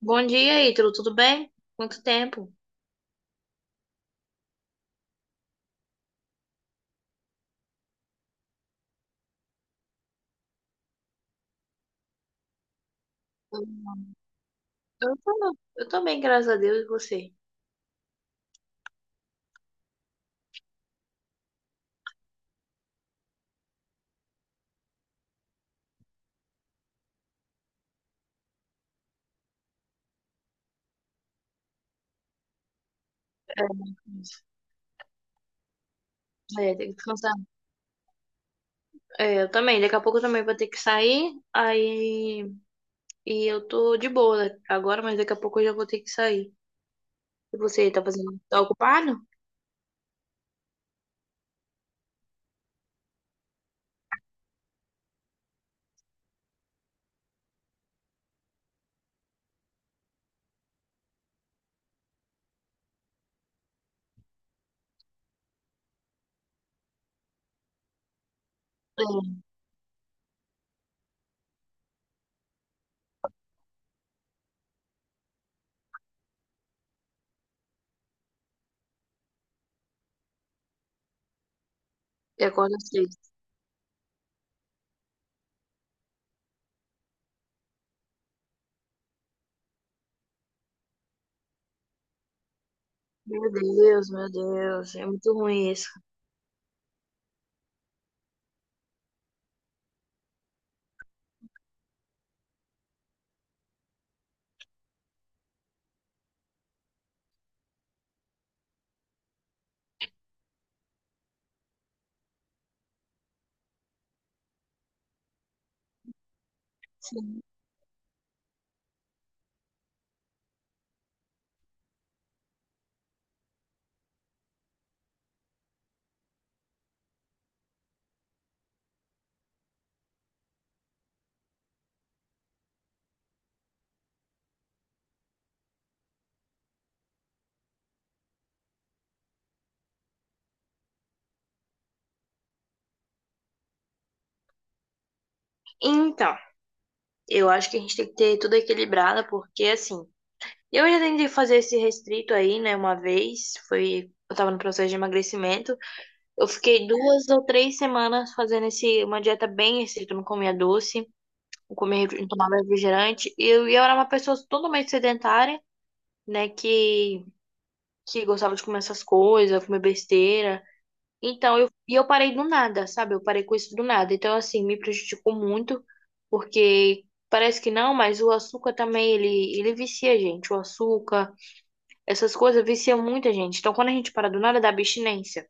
Bom dia, Ítalo. Tudo bem? Quanto tempo? Eu tô bem, graças a Deus, e você? É, tem que descansar. É, eu também. Daqui a pouco eu também vou ter que sair. Aí. E eu tô de boa né, agora, mas daqui a pouco eu já vou ter que sair. E você, tá fazendo? Tá ocupado? É, e acorda cedo. Meu Deus, meu Deus. É muito ruim isso. Então, eu acho que a gente tem que ter tudo equilibrado, porque assim. Eu já tentei fazer esse restrito aí, né, uma vez, foi, eu tava no processo de emagrecimento. Eu fiquei 2 ou 3 semanas fazendo esse, uma dieta bem restrita, eu não comia doce, não comia, refri- não tomava refrigerante. E eu era uma pessoa totalmente sedentária, né, que gostava de comer essas coisas, comer besteira. Então, e eu parei do nada, sabe? Eu parei com isso do nada. Então, assim, me prejudicou muito, porque parece que não, mas o açúcar também, ele vicia a gente, o açúcar essas coisas viciam muita gente. Então, quando a gente para do nada, dá abstinência.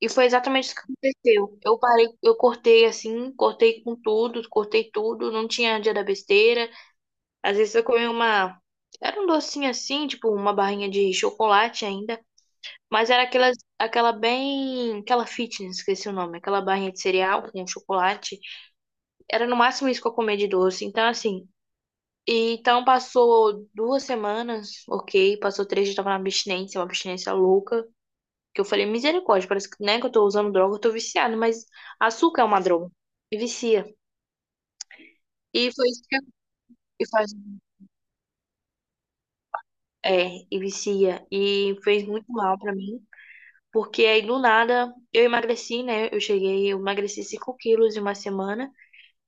E foi exatamente isso que aconteceu. Eu parei, eu cortei assim, cortei com tudo, cortei tudo, não tinha dia da besteira. Às vezes eu comia uma. Era um docinho assim, tipo uma barrinha de chocolate ainda. Mas era aquela bem. Aquela fitness, esqueci o nome. Aquela barrinha de cereal com chocolate. Era no máximo isso que eu comia de doce. Então, assim. E então passou 2 semanas, ok. Passou 3 dias, eu tava na abstinência, uma abstinência louca. Que eu falei, misericórdia, parece que, né, que eu tô usando droga, eu tô viciado, mas açúcar é uma droga. E vicia. E foi isso que eu- e faz, e vicia. E fez muito mal pra mim. Porque aí do nada eu emagreci, né? Eu cheguei, eu emagreci 5 quilos em uma semana.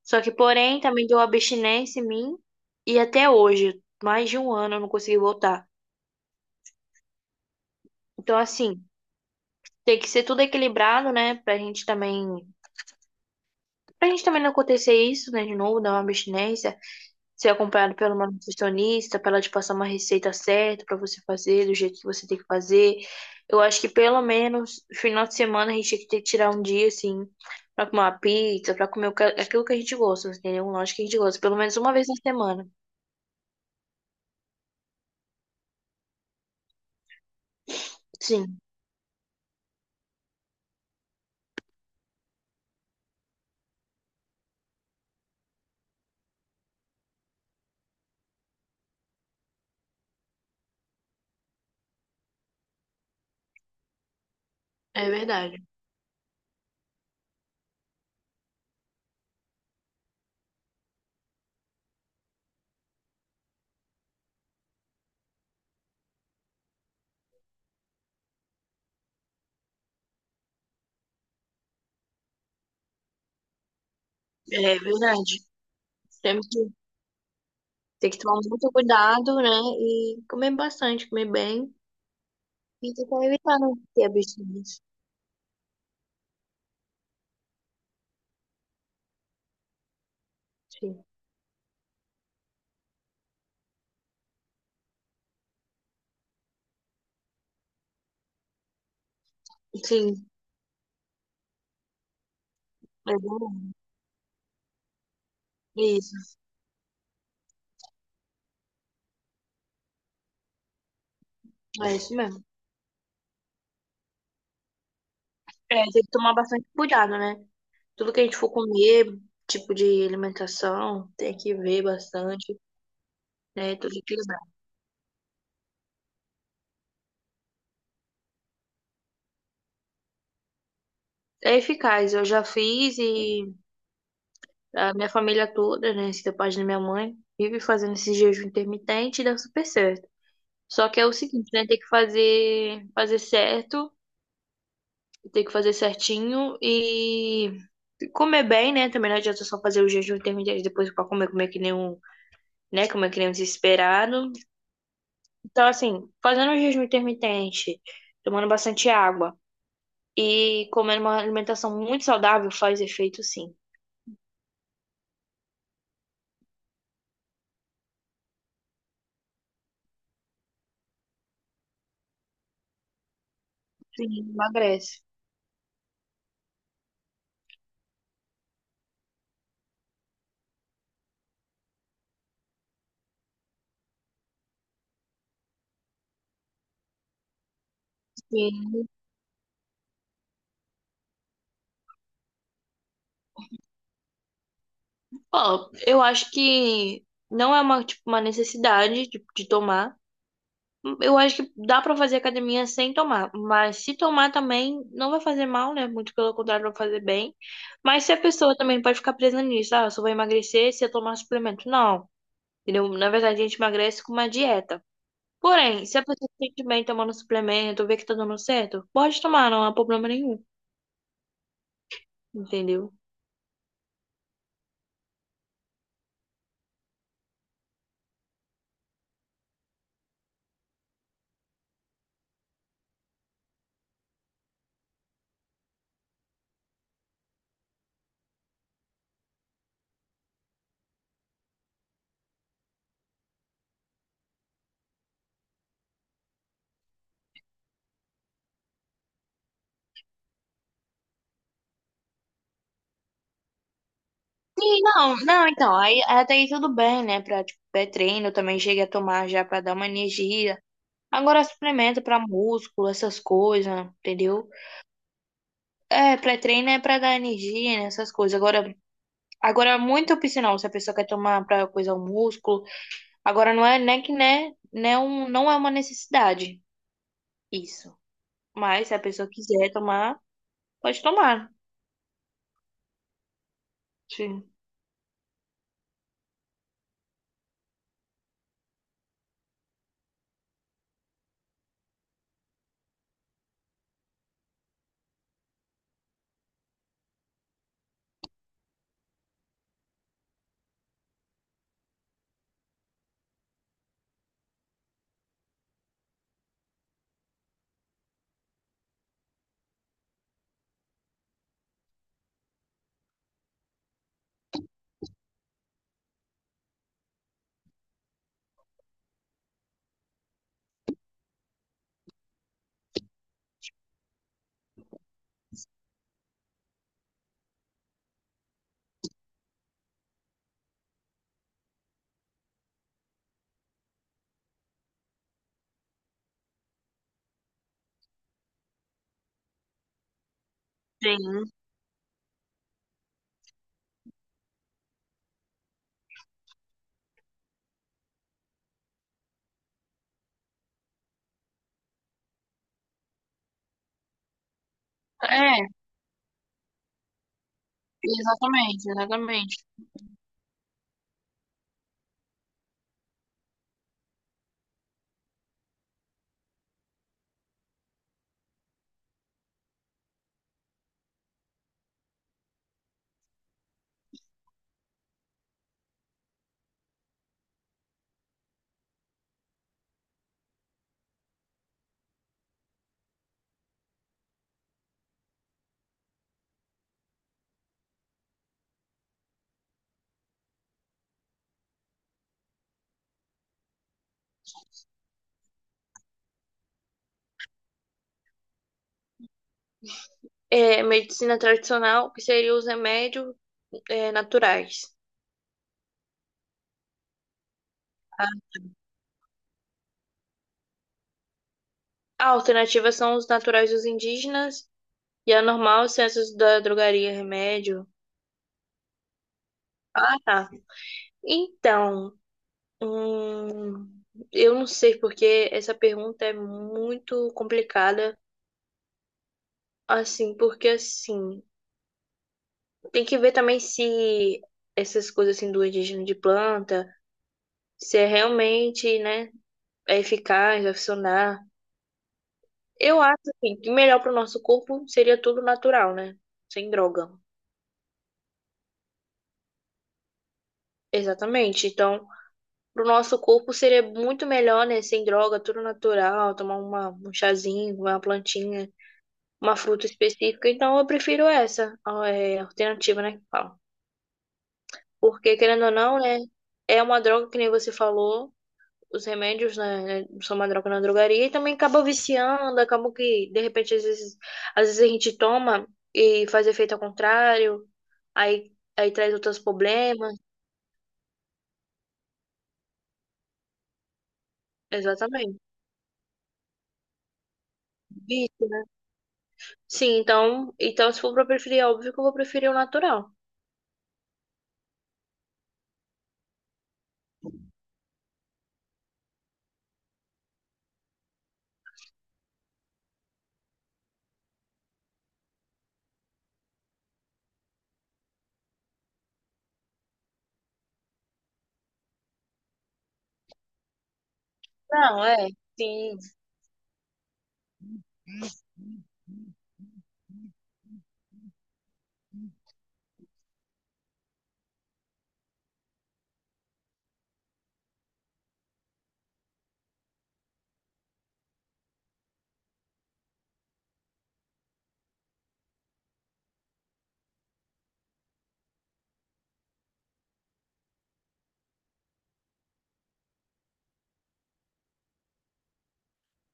Só que, porém, também deu abstinência em mim. E até hoje, mais de um ano, eu não consegui voltar. Então, assim, tem que ser tudo equilibrado, né? Pra gente também. Não acontecer isso, né? De novo, dar uma abstinência. Ser acompanhado pela uma nutricionista, para ela te passar uma receita certa para você fazer, do jeito que você tem que fazer. Eu acho que pelo menos final de semana a gente tinha que ter que tirar um dia, assim, pra comer uma pizza, pra comer o que- aquilo que a gente gosta, entendeu? Um lanche que a gente gosta, pelo menos uma vez na semana. Sim, é verdade. É verdade. Temos que ter que tomar muito cuidado, né? E comer bastante, comer bem. E tentar evitar não ter abstinência. Sim. Sim, é bom. Isso, é isso mesmo. É, tem que tomar bastante cuidado, né? Tudo que a gente for comer, tipo de alimentação, tem que ver bastante, né? Tudo equilibrado. É eficaz, eu já fiz e a minha família toda, né? Se da parte da minha mãe, vive fazendo esse jejum intermitente e dá super certo. Só que é o seguinte, né? Tem que fazer, fazer certo, tem que fazer certinho e comer bem, né? Também não adianta só fazer o jejum intermitente e depois para comer, comer que nem um, né? Comer que nem um desesperado. Então, assim, fazendo o jejum intermitente, tomando bastante água e comendo uma alimentação muito saudável faz efeito, sim. Sim, emagrece. Sim. Ó, eu acho que não é uma, tipo, uma necessidade de tomar. Eu acho que dá pra fazer academia sem tomar, mas se tomar também não vai fazer mal, né? Muito pelo contrário, vai fazer bem. Mas se a pessoa também pode ficar presa nisso, ah, eu só vou emagrecer se eu tomar suplemento. Não, entendeu? Na verdade, a gente emagrece com uma dieta. Porém, se a pessoa se sente bem tomando suplemento, vê que tá dando certo, pode tomar, não há problema nenhum, entendeu? Sim, não, não, então, aí até aí tudo bem, né? Pra, tipo, pré-treino, eu também cheguei a tomar já pra dar uma energia. Agora suplemento pra músculo, essas coisas, entendeu? É, pré-treino é pra dar energia, né? Essas coisas. Agora é muito opcional se a pessoa quer tomar pra coisa o músculo. Agora não é, né, que né, né um, não é uma necessidade isso. Mas se a pessoa quiser tomar, pode tomar. Sim. Sim. É, exatamente, exatamente. É, medicina tradicional, que seria os remédios, é, naturais. Ah, a alternativa são os naturais dos indígenas e a normal, os ciências da drogaria, remédio. Ah, tá. Então, hum, eu não sei porque essa pergunta é muito complicada, assim, porque assim, tem que ver também se essas coisas assim do indígena de planta, se é realmente, né? é eficaz, vai funcionar. Eu acho assim, que melhor para o nosso corpo seria tudo natural, né? Sem droga. Exatamente. Então, para o nosso corpo seria muito melhor, né? Sem droga, tudo natural, tomar uma, um chazinho, uma plantinha, uma fruta específica. Então, eu prefiro essa ó, é, alternativa, né? que fala. Porque, querendo ou não, né? É uma droga, que nem você falou, os remédios, né, são uma droga na drogaria e também acaba viciando, acaba que, de repente, às vezes, a gente toma e faz efeito ao contrário, aí traz outros problemas. Exatamente. Vício, né? Sim, então, se for pra preferir, é óbvio que eu vou preferir o natural. Não, é, sim.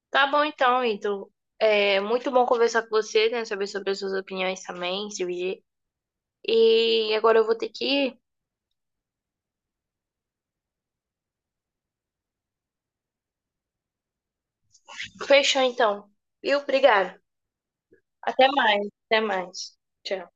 Tá bom então, Ito. É muito bom conversar com você, né? Saber sobre as suas opiniões também, se dividir. E agora eu vou ter que ir. Fechou então. Viu? Obrigada. Até mais, até mais. Tchau.